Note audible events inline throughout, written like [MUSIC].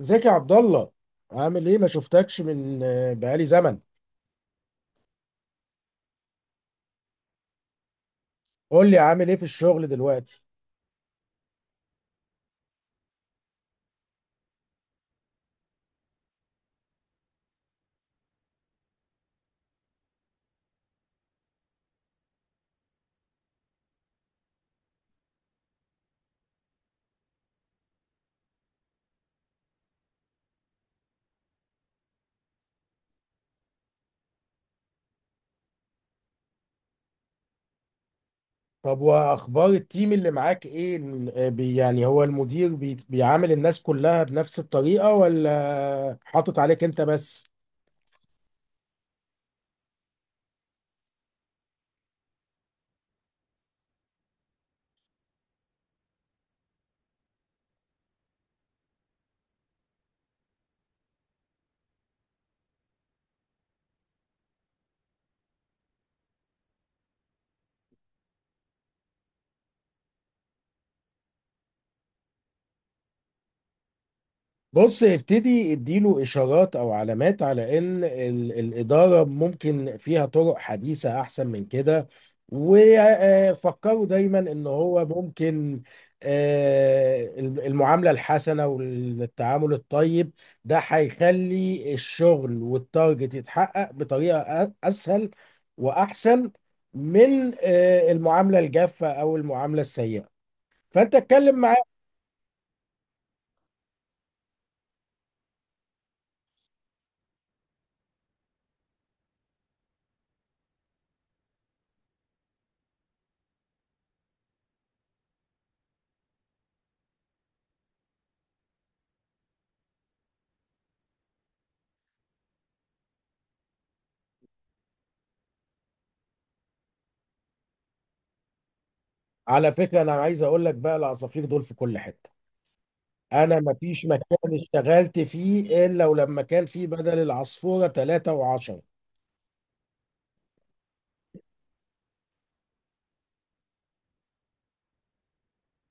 ازيك يا عبد الله، عامل ايه؟ ما شفتكش من آه، بقالي زمن. قول لي، عامل ايه في الشغل دلوقتي؟ طب واخبار التيم اللي معاك ايه؟ يعني هو المدير بيعامل الناس كلها بنفس الطريقة، ولا حاطط عليك انت بس؟ بص، ابتدي اديله اشارات او علامات على ان الاداره ممكن فيها طرق حديثه احسن من كده. وفكروا دايما ان هو ممكن المعامله الحسنه والتعامل الطيب، ده هيخلي الشغل والتارجت يتحقق بطريقه اسهل واحسن من المعامله الجافه او المعامله السيئه. فانت اتكلم معاه. على فكره، انا عايز اقول لك بقى، العصافير دول في كل حته. انا ما فيش مكان اشتغلت فيه الا ولما كان فيه بدل العصفوره 3 و10.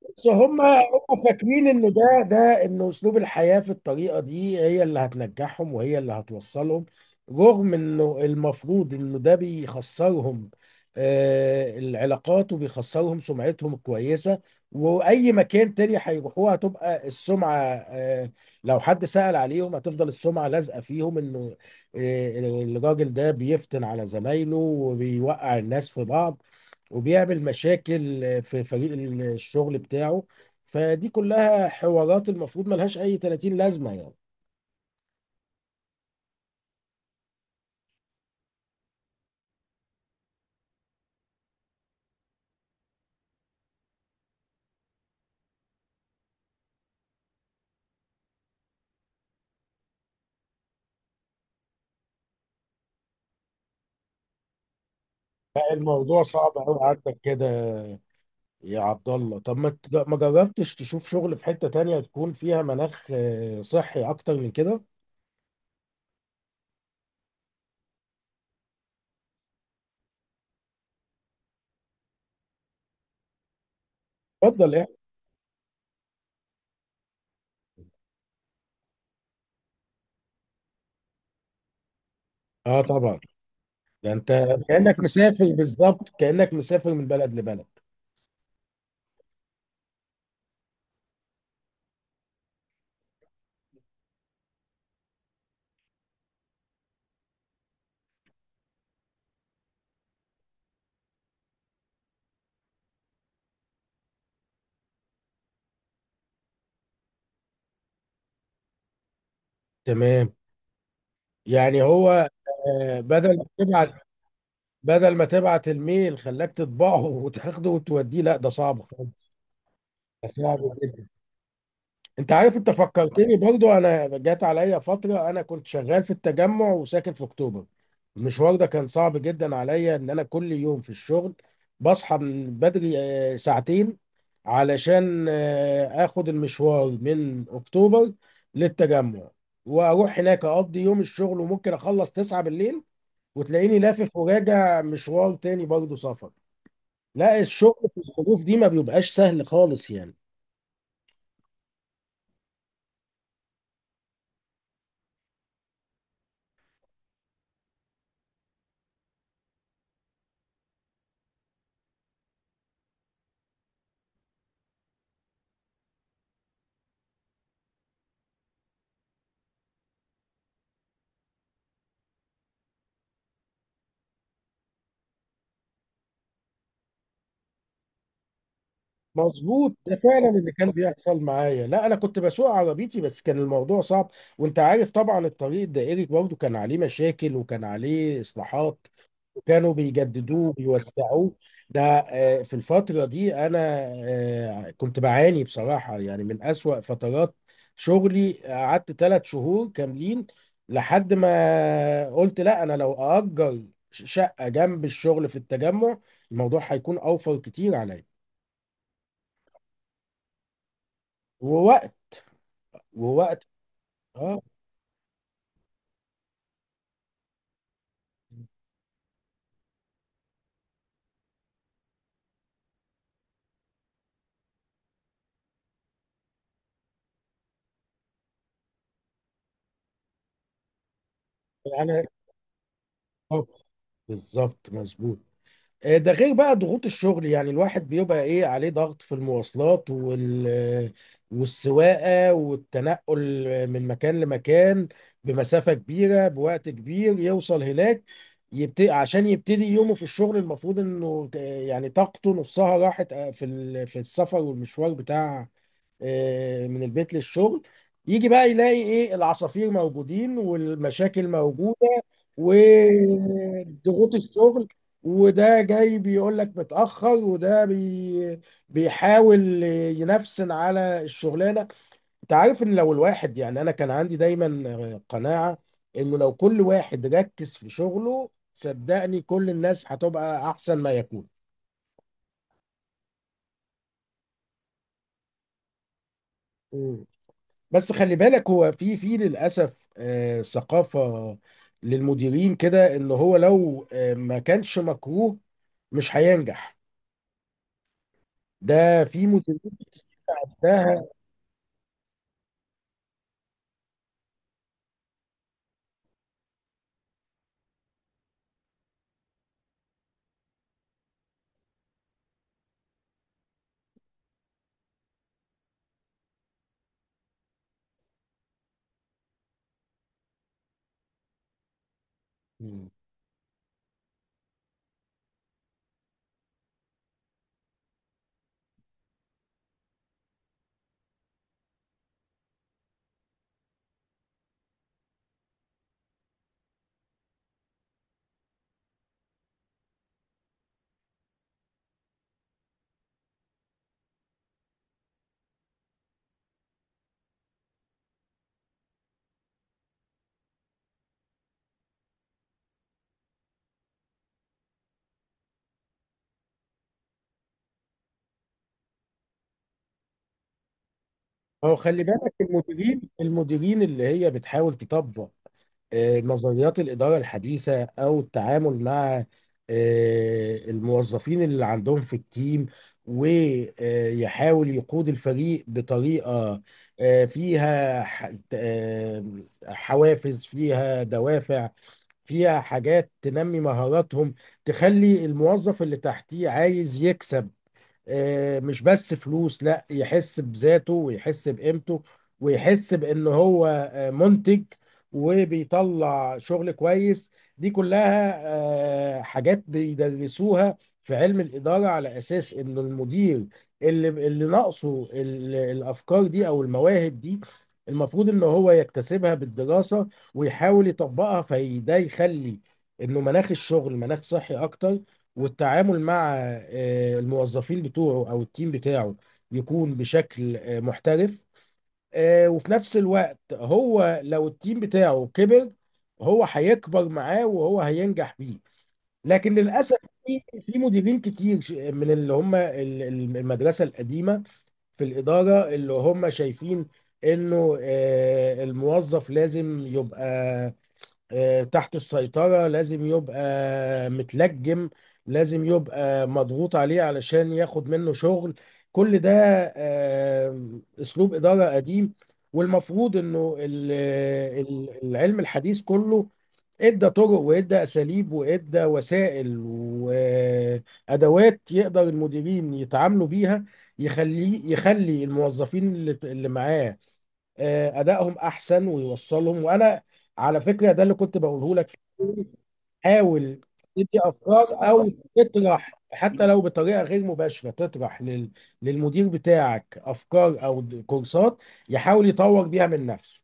بس هم فاكرين ان ده ان اسلوب الحياه في الطريقه دي هي اللي هتنجحهم وهي اللي هتوصلهم، رغم انه المفروض انه ده بيخسرهم العلاقات، وبيخسرهم سمعتهم الكويسه. واي مكان تاني هيروحوه هتبقى السمعه لو حد سأل عليهم هتفضل السمعه لازقه فيهم انه الراجل ده بيفتن على زمايله، وبيوقع الناس في بعض، وبيعمل مشاكل في فريق الشغل بتاعه. فدي كلها حوارات المفروض ملهاش اي 30 لازمه يعني. لا، الموضوع صعب قوي عندك كده. يا عبد الله، طب ما جربتش تشوف شغل في حته تانية تكون فيها مناخ صحي اكتر من كده؟ اتفضل، ايه؟ اه، طبعا. ده انت، كانك مسافر بالظبط، كانك مسافر من بلد لبلد. تمام. يعني هو بدل ما تبعت، بدل ما تبعت الميل خلاك تطبعه [LAUGHS] وتاخده وتوديه؟ لا، ده صعب خالص. صعب جدا. انت عارف، انت فكرتني برضو، انا جات عليا فتره انا كنت شغال في التجمع وساكن في اكتوبر. المشوار ده كان صعب جدا عليا، ان انا كل يوم في الشغل بصحى من بدري ساعتين علشان اخد المشوار من اكتوبر للتجمع، واروح هناك اقضي يوم الشغل، وممكن اخلص 9 بالليل، وتلاقيني لافف وراجع مشوار تاني برضو سفر. لا، الشغل في الظروف دي ما بيبقاش سهل خالص يعني. مظبوط، ده فعلا اللي كان بيحصل معايا. لا، انا كنت بسوق عربيتي بس كان الموضوع صعب. وانت عارف طبعا، الطريق الدائري برضه كان عليه مشاكل وكان عليه اصلاحات، كانوا بيجددوه، بيوسعوه. ده آه، في الفترة دي انا كنت بعاني بصراحة يعني من اسوأ فترات شغلي، قعدت ثلاث شهور كاملين لحد ما قلت لا، انا لو اجر شقة جنب الشغل في التجمع الموضوع هيكون اوفر كتير عليا، ووقت. اه، انا آه، بالظبط مظبوط. ده غير بقى ضغوط الشغل، يعني الواحد بيبقى ايه، عليه ضغط في المواصلات والسواقة والتنقل من مكان لمكان بمسافة كبيرة، بوقت كبير يوصل هناك، يبتدي، عشان يبتدي يومه في الشغل المفروض انه يعني طاقته نصها راحت في السفر والمشوار بتاع من البيت للشغل. يجي بقى يلاقي ايه، العصافير موجودين والمشاكل موجودة وضغوط الشغل، وده جاي بيقول لك متأخر، وده بيحاول ينفسن على الشغلانة. انت عارف ان لو الواحد، يعني انا كان عندي دايما قناعة، انه لو كل واحد ركز في شغله صدقني كل الناس هتبقى احسن ما يكون. بس خلي بالك، هو في للاسف ثقافه للمديرين كده، ان هو لو ما كانش مكروه مش هينجح، ده في مديرين ده. مم. هو خلي بالك، المديرين اللي هي بتحاول تطبق نظريات الإدارة الحديثة أو التعامل مع الموظفين اللي عندهم في التيم، ويحاول يقود الفريق بطريقة فيها حوافز، فيها دوافع، فيها حاجات تنمي مهاراتهم، تخلي الموظف اللي تحتيه عايز يكسب مش بس فلوس، لا، يحس بذاته ويحس بقيمته ويحس بان هو منتج وبيطلع شغل كويس. دي كلها حاجات بيدرسوها في علم الإدارة، على أساس إن المدير اللي ناقصه الأفكار دي أو المواهب دي، المفروض إن هو يكتسبها بالدراسة ويحاول يطبقها، فده يخلي إنه مناخ الشغل مناخ صحي أكتر، والتعامل مع الموظفين بتوعه او التيم بتاعه يكون بشكل محترف. وفي نفس الوقت هو لو التيم بتاعه كبر هو هيكبر معاه وهو هينجح بيه. لكن للاسف، في مديرين كتير من اللي هم المدرسه القديمه في الإدارة اللي هم شايفين إنه الموظف لازم يبقى تحت السيطرة، لازم يبقى متلجم، لازم يبقى مضغوط عليه علشان ياخد منه شغل. كل ده أسلوب إدارة قديم. والمفروض إنه العلم الحديث كله ادى طرق وادى أساليب وادى وسائل وأدوات يقدر المديرين يتعاملوا بيها، يخلي الموظفين اللي معاه ادائهم احسن ويوصلهم. وانا على فكره ده اللي كنت بقوله لك، حاول تدي افكار او تطرح، حتى لو بطريقه غير مباشره، تطرح للمدير بتاعك افكار او كورسات يحاول يطور بيها من نفسه.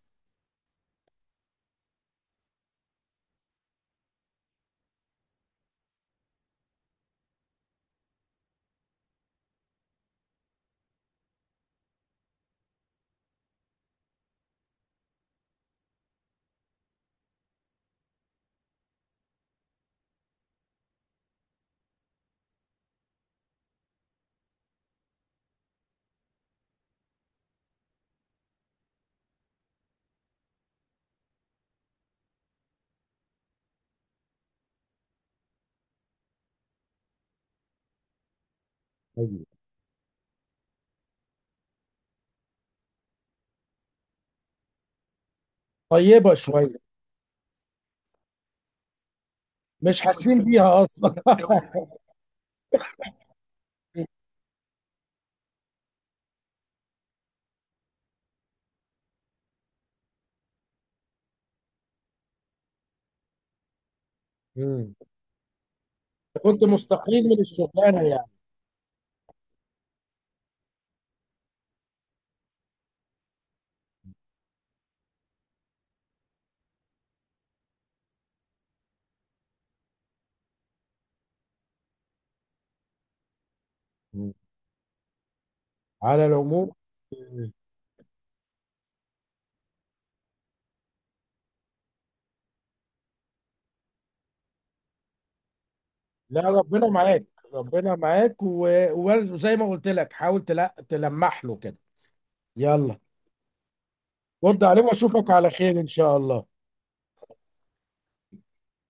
ايوه، طيبه شويه. مش حاسين بيها اصلا. [LAUGHS] مم. كنت مستقيل من الشغلانه يعني؟ مم. على العموم، آه، لا، ربنا معاك. ربنا معاك، وزي ما قلت لك، حاول تلمح له كده. يلا، رد عليه واشوفك على خير ان شاء الله.